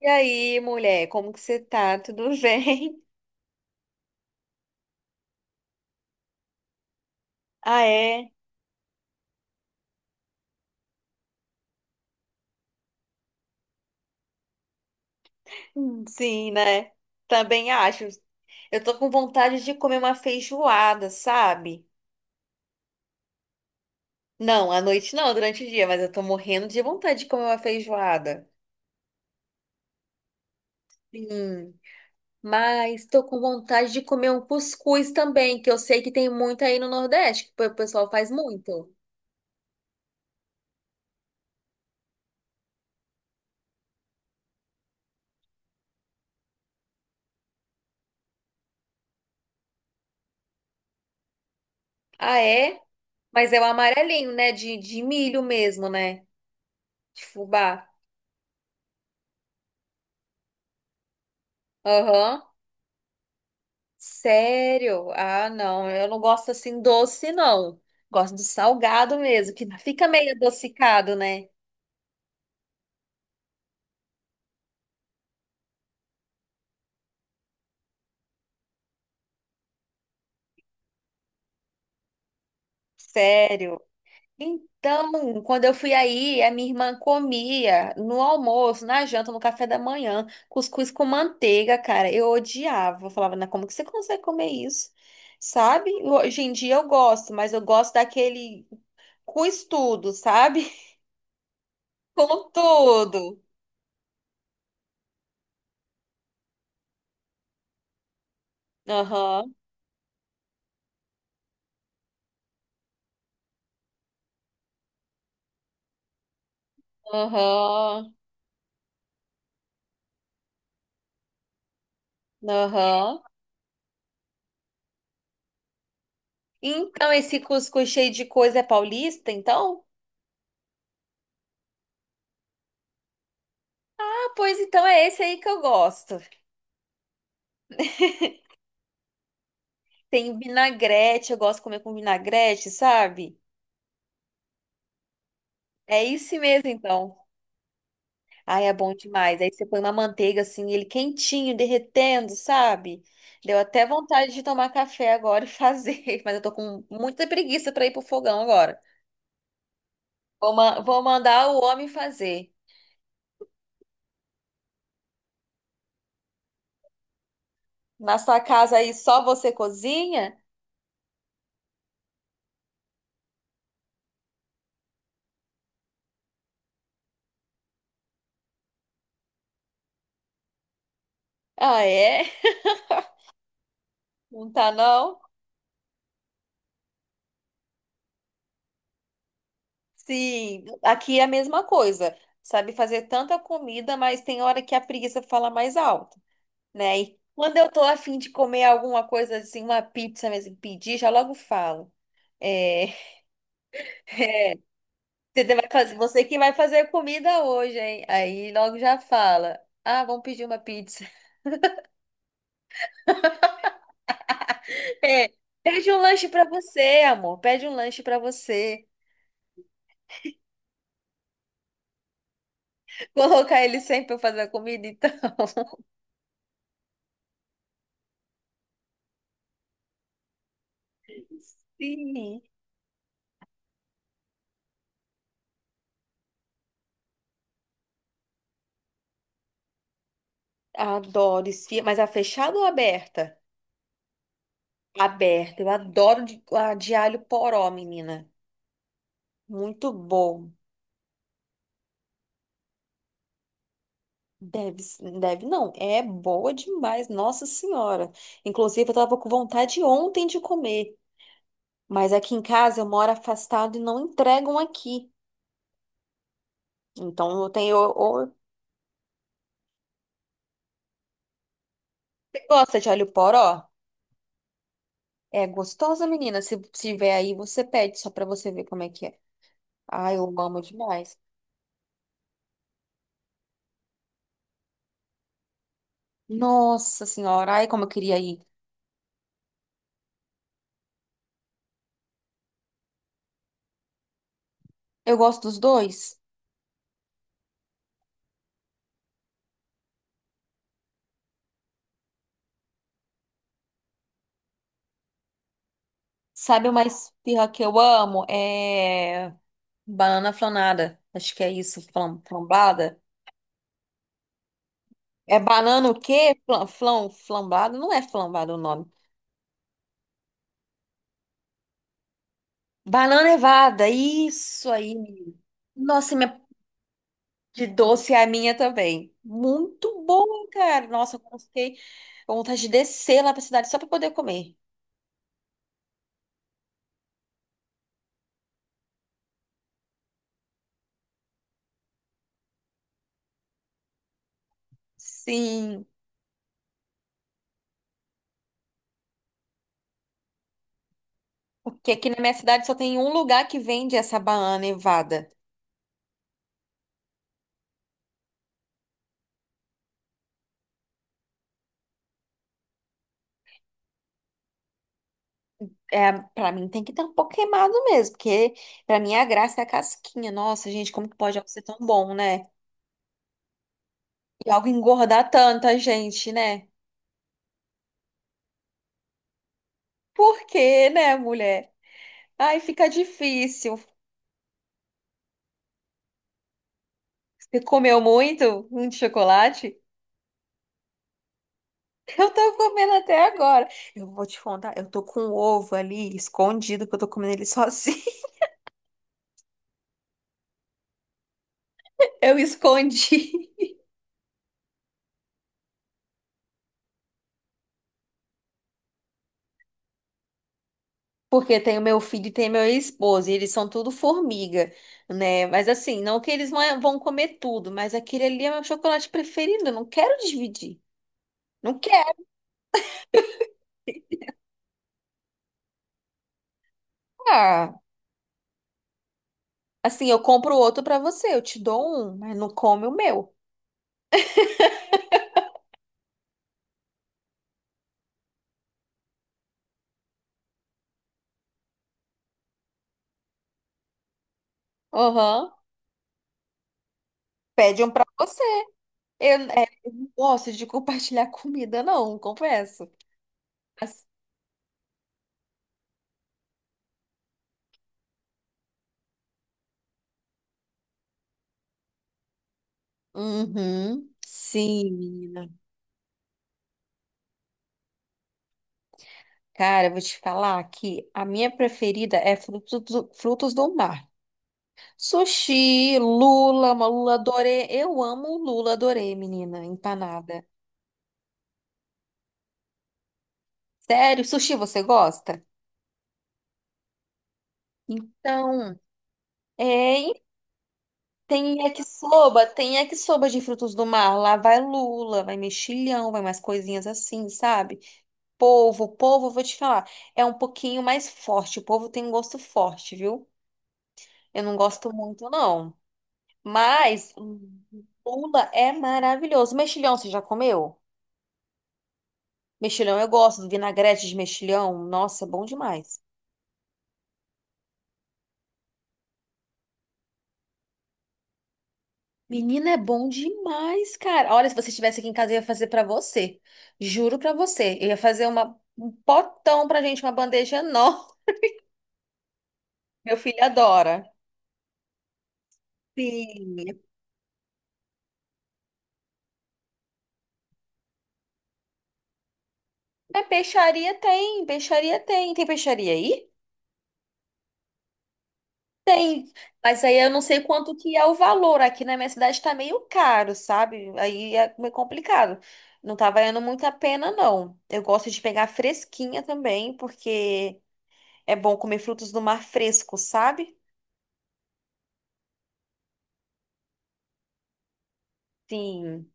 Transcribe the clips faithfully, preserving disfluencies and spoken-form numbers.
E aí, mulher, como que você tá? Tudo bem? Ah, é? Hum, Sim, né? Também acho. Eu tô com vontade de comer uma feijoada, sabe? Não, à noite não, durante o dia, mas eu tô morrendo de vontade de comer uma feijoada. Sim. Mas tô com vontade de comer um cuscuz também, que eu sei que tem muito aí no Nordeste, que o pessoal faz muito. Ah, é? Mas é o amarelinho, né? De, de milho mesmo, né? De fubá. Aham. Sério? Ah, não, eu não gosto assim doce, não. Gosto do salgado mesmo, que fica meio adocicado, né? Sério. Então, quando eu fui aí, a minha irmã comia no almoço, na janta, no café da manhã, cuscuz com manteiga, cara. Eu odiava. Eu falava, "Não, como que você consegue comer isso? Sabe? Hoje em dia eu gosto, mas eu gosto daquele com estudo, sabe? Com tudo. Aham, aham, aham. Então, esse cuscuz cheio de coisa é paulista, então? Ah, pois então é esse aí que eu gosto. Tem vinagrete, eu gosto de comer com vinagrete, sabe? É esse mesmo, então. Ai, é bom demais. Aí você põe uma manteiga assim, ele quentinho, derretendo, sabe? Deu até vontade de tomar café agora e fazer, mas eu tô com muita preguiça pra ir pro fogão agora. Vou, ma- vou mandar o homem fazer. Na sua casa aí só você cozinha? Ah, é? Não tá não? Sim, aqui é a mesma coisa. Sabe fazer tanta comida, mas tem hora que a preguiça fala mais alto, né? E quando eu tô afim de comer alguma coisa assim, uma pizza mesmo, pedir, já logo falo. É, é, você vai fazer, você que vai fazer comida hoje, hein? Aí logo já fala. Ah, vamos pedir uma pizza. É, pede um lanche pra você, amor. Pede um lanche pra você. Colocar ele sempre pra fazer a comida, então. Sim, adoro esfirra. Mas a fechada ou aberta? Aberta. Eu adoro de, a de alho poró, menina. Muito bom. Deve, s- deve não. É boa demais, Nossa Senhora. Inclusive, eu tava com vontade ontem de comer. Mas aqui em casa eu moro afastado e não entregam aqui. Então eu tenho. Ou, você gosta de alho poró? É gostosa, menina. Se tiver aí, você pede só pra você ver como é que é. Ai, eu amo demais. Nossa Senhora. Ai, como eu queria ir. Eu gosto dos dois. Sabe uma esfirra que eu amo? É banana flanada. Acho que é isso, flam- flambada. É banana o quê? Flam, flam, flambada? Não é flambada o nome. Banana nevada, isso aí, menina. Nossa, e minha de doce é a minha também. Muito boa, cara. Nossa, eu fiquei com vontade de descer lá pra cidade só pra poder comer. Sim, porque aqui na minha cidade só tem um lugar que vende essa banana nevada. É, para mim tem que estar um pouco queimado mesmo, porque pra mim a graça é a casquinha. Nossa, gente, como que pode algo ser tão bom, né? E algo engordar tanta gente, né? Por quê, né, mulher? Ai, fica difícil. Você comeu muito um de chocolate? Eu tô comendo até agora. Eu vou te contar, eu tô com um ovo ali escondido, que eu tô comendo ele sozinho. Eu escondi. Porque tem o meu filho e tem meu esposo, e eles são tudo formiga, né? Mas assim, não que eles vão vão comer tudo, mas aquele ali é meu chocolate preferido, eu não quero dividir. Não quero. Ah, assim, eu compro outro pra você, eu te dou um, mas não come o meu. Aham. Pede um pra você. Eu, é, eu não gosto de compartilhar comida, não, confesso. Mas- Uhum. Sim, menina. Cara, eu vou te falar que a minha preferida é frutos do, frutos do mar. Sushi, lula, uma lula dorê. Eu amo lula dorê, menina, empanada. Sério, sushi você gosta? Então, é, e tem yakisoba, tem yakisoba de frutos do mar. Lá vai lula, vai mexilhão, vai mais coisinhas assim, sabe? Polvo, polvo, eu vou te falar, é um pouquinho mais forte. O polvo tem um gosto forte, viu? Eu não gosto muito, não. Mas hum, lula é maravilhoso. Mexilhão, você já comeu? Mexilhão eu gosto, vinagrete de mexilhão, nossa, é bom demais. Menina, é bom demais, cara. Olha, se você estivesse aqui em casa, eu ia fazer pra você. Juro pra você. Eu ia fazer uma, um potão pra gente, uma bandeja enorme. Meu filho adora. Sim. É, peixaria tem, peixaria tem. Tem peixaria aí? Tem. Mas aí eu não sei quanto que é o valor. Aqui na minha cidade tá meio caro, sabe? Aí é meio complicado. Não tá valendo muito a pena, não. Eu gosto de pegar fresquinha também, porque é bom comer frutos do mar fresco, sabe? Sim.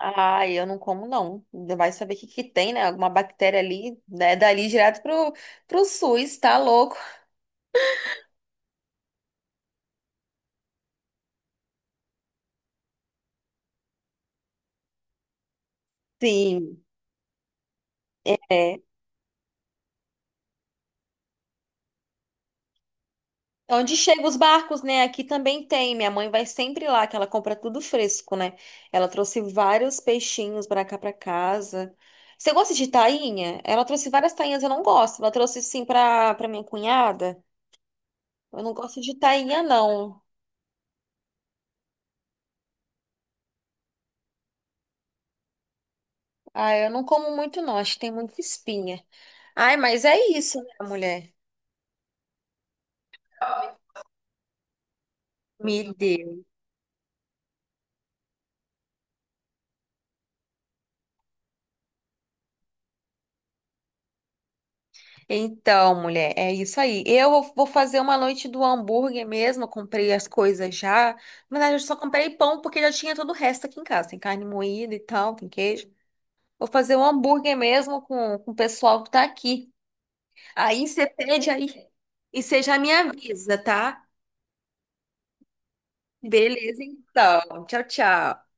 Ah, eu não como não. Ainda vai saber o que que tem, né? Alguma bactéria ali, né? Dali direto pro, pro SUS, tá louco? Sim. É. Onde chegam os barcos, né? Aqui também tem. Minha mãe vai sempre lá, que ela compra tudo fresco, né? Ela trouxe vários peixinhos pra cá pra casa. Você gosta de tainha? Ela trouxe várias tainhas, eu não gosto. Ela trouxe sim pra, pra minha cunhada. Eu não gosto de tainha, não. Ah, eu não como muito, não. Acho que tem muita espinha. Ai, mas é isso, né, mulher? Me deu. Então, mulher, é isso aí. Eu vou vou fazer uma noite do hambúrguer mesmo. Eu comprei as coisas já. Na verdade, eu só comprei pão porque já tinha todo o resto aqui em casa. Tem carne moída e tal, tem queijo. Vou fazer um hambúrguer mesmo com, com o pessoal que tá aqui. Aí você pede aí. E você já me avisa, tá? Beleza, então. Tchau, tchau.